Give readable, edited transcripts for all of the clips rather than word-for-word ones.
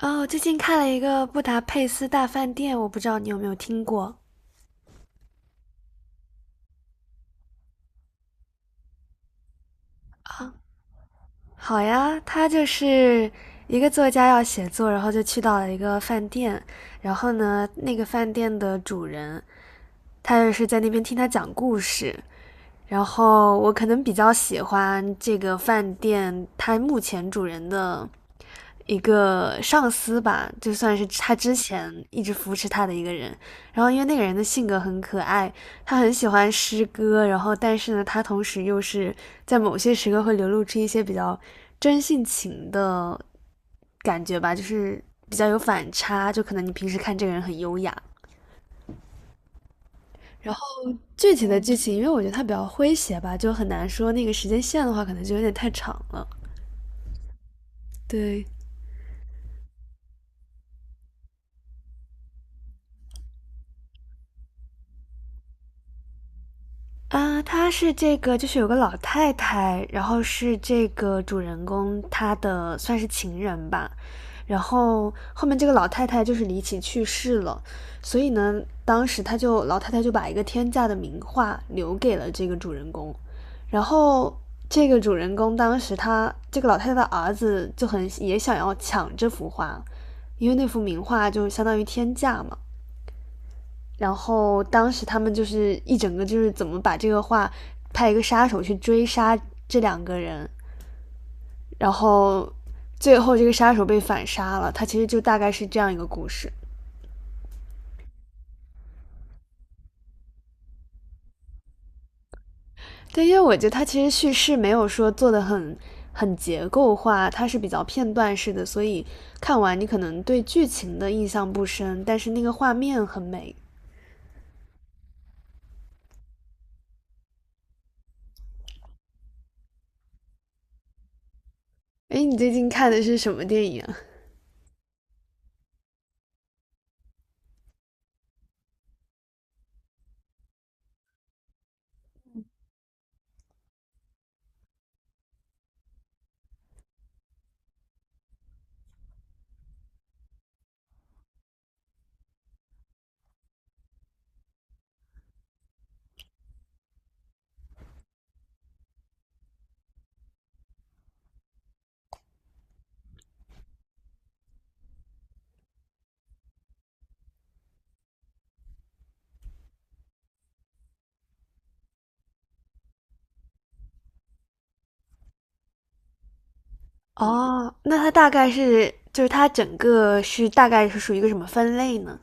哦，最近看了一个《布达佩斯大饭店》，我不知道你有没有听过。好呀，他就是一个作家要写作，然后就去到了一个饭店，然后呢，那个饭店的主人他就是在那边听他讲故事。然后我可能比较喜欢这个饭店，它目前主人的一个上司吧，就算是他之前一直扶持他的一个人。然后因为那个人的性格很可爱，他很喜欢诗歌，然后但是呢，他同时又是在某些时刻会流露出一些比较真性情的感觉吧，就是比较有反差。就可能你平时看这个人很优雅，然后具体的剧情，因为我觉得它比较诙谐吧，就很难说那个时间线的话，可能就有点太长了。对，啊，她是这个，就是有个老太太，然后是这个主人公她的算是情人吧，然后后面这个老太太就是离奇去世了，所以呢，当时她就老太太就把一个天价的名画留给了这个主人公，然后这个主人公当时他这个老太太的儿子就很也想要抢这幅画，因为那幅名画就相当于天价嘛，然后当时他们就是一整个就是怎么把这个画，派一个杀手去追杀这两个人，然后最后这个杀手被反杀了。他其实就大概是这样一个故事。对，因为我觉得他其实叙事没有说做的很结构化，它是比较片段式的，所以看完你可能对剧情的印象不深，但是那个画面很美。哎，你最近看的是什么电影啊？哦，那它大概是就是它整个是大概是属于一个什么分类呢？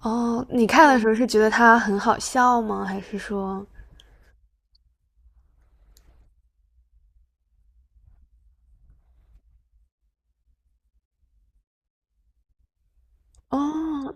哦，你看的时候是觉得它很好笑吗？还是说，哦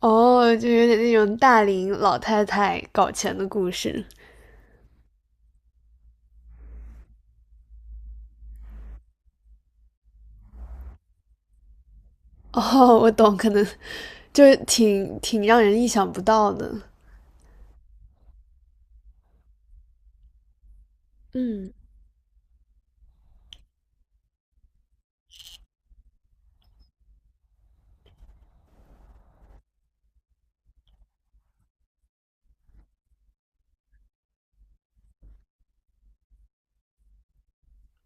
哦，就有点那种大龄老太太搞钱的故事？哦，我懂，可能就是挺让人意想不到的。嗯，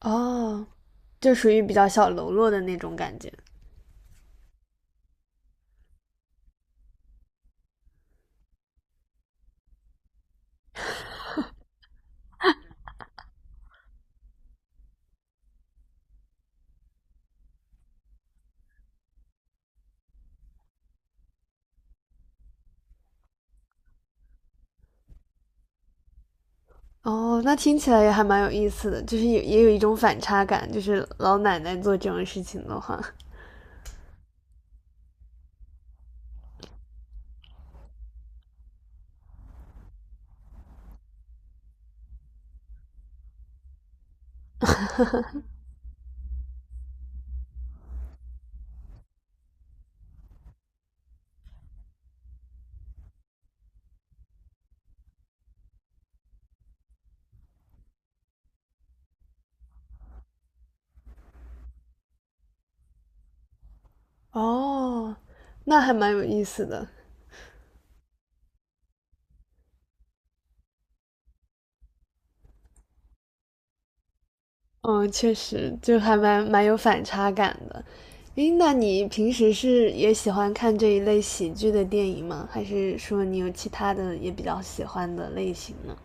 哦，就属于比较小喽啰的那种感觉。哦，那听起来也还蛮有意思的，就是也有一种反差感，就是老奶奶做这种事情的话，哦，那还蛮有意思的。嗯，确实，就还蛮有反差感的。诶，那你平时是也喜欢看这一类喜剧的电影吗？还是说你有其他的也比较喜欢的类型呢？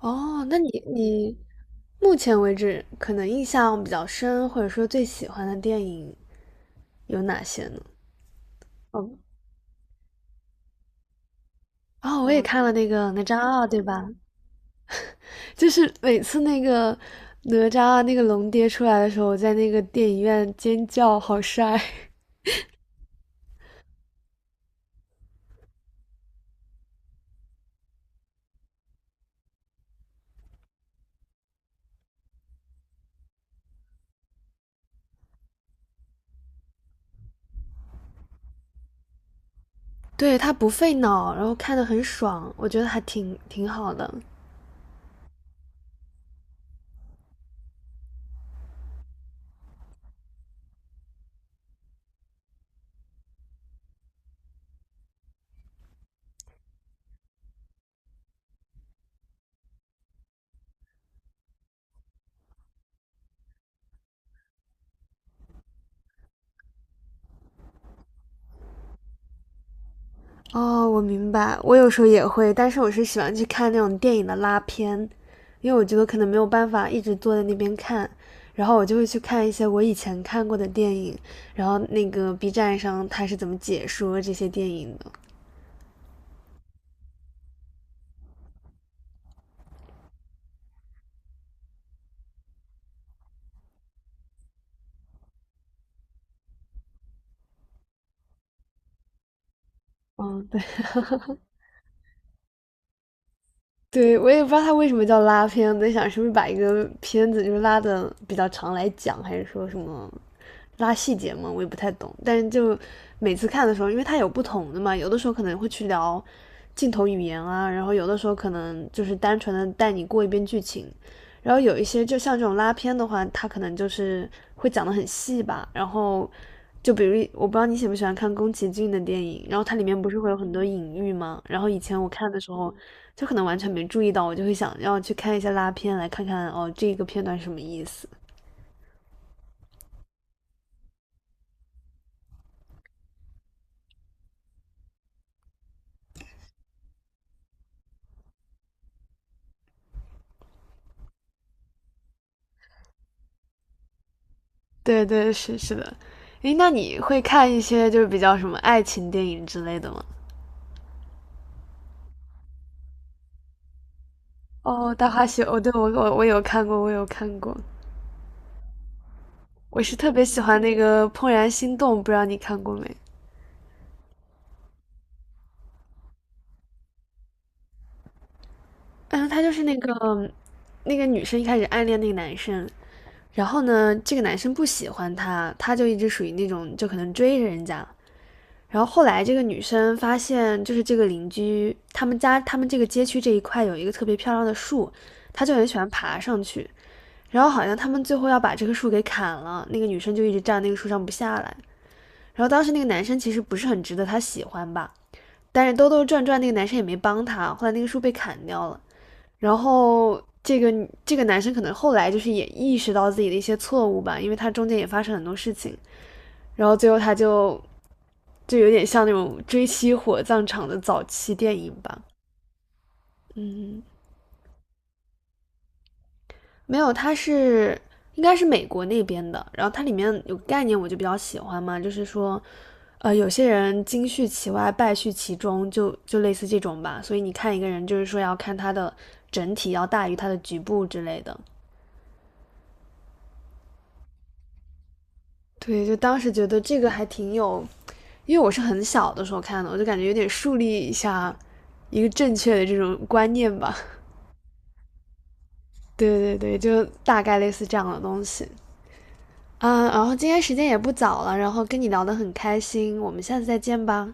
哦，那你目前为止可能印象比较深，或者说最喜欢的电影有哪些呢？哦，我也看了那个哪吒二，对吧？就是每次那个哪吒二那个龙爹出来的时候，我在那个电影院尖叫，好帅。对，它不费脑，然后看的很爽，我觉得还挺好的。哦，我明白，我有时候也会，但是我是喜欢去看那种电影的拉片，因为我觉得可能没有办法一直坐在那边看，然后我就会去看一些我以前看过的电影，然后那个 B 站上它是怎么解说这些电影的。嗯，对。对，我也不知道它为什么叫拉片，我在想是不是把一个片子就是拉的比较长来讲，还是说什么拉细节嘛，我也不太懂。但是就每次看的时候，因为它有不同的嘛，有的时候可能会去聊镜头语言啊，然后有的时候可能就是单纯的带你过一遍剧情，然后有一些就像这种拉片的话，它可能就是会讲得很细吧。然后就比如我不知道你喜不喜欢看宫崎骏的电影，然后它里面不是会有很多隐喻吗？然后以前我看的时候，就可能完全没注意到，我就会想要去看一下拉片来看看哦这个片段是什么意思。对对，是是的。诶，那你会看一些就是比较什么爱情电影之类的吗？哦，《大话西游》哦，对，我有看过，我有看过。我是特别喜欢那个《怦然心动》，不知道你看过没？嗯，他就是那个女生一开始暗恋那个男生，然后呢，这个男生不喜欢她，她就一直属于那种就可能追着人家。然后后来这个女生发现，就是这个邻居他们家他们这个街区这一块有一个特别漂亮的树，她就很喜欢爬上去。然后好像他们最后要把这棵树给砍了，那个女生就一直站那个树上不下来。然后当时那个男生其实不是很值得她喜欢吧，但是兜兜转转那个男生也没帮他，后来那个树被砍掉了，然后这个男生可能后来就是也意识到自己的一些错误吧，因为他中间也发生很多事情，然后最后他就就有点像那种追妻火葬场的早期电影吧，嗯，没有，它是应该是美国那边的。然后它里面有概念，我就比较喜欢嘛，就是说，有些人金絮其外，败絮其中，就类似这种吧。所以你看一个人，就是说要看他的整体要大于他的局部之类的。对，就当时觉得这个还挺有，因为我是很小的时候看的，我就感觉有点树立一下一个正确的这种观念吧。对对对，就大概类似这样的东西。嗯，然后今天时间也不早了，然后跟你聊得很开心，我们下次再见吧。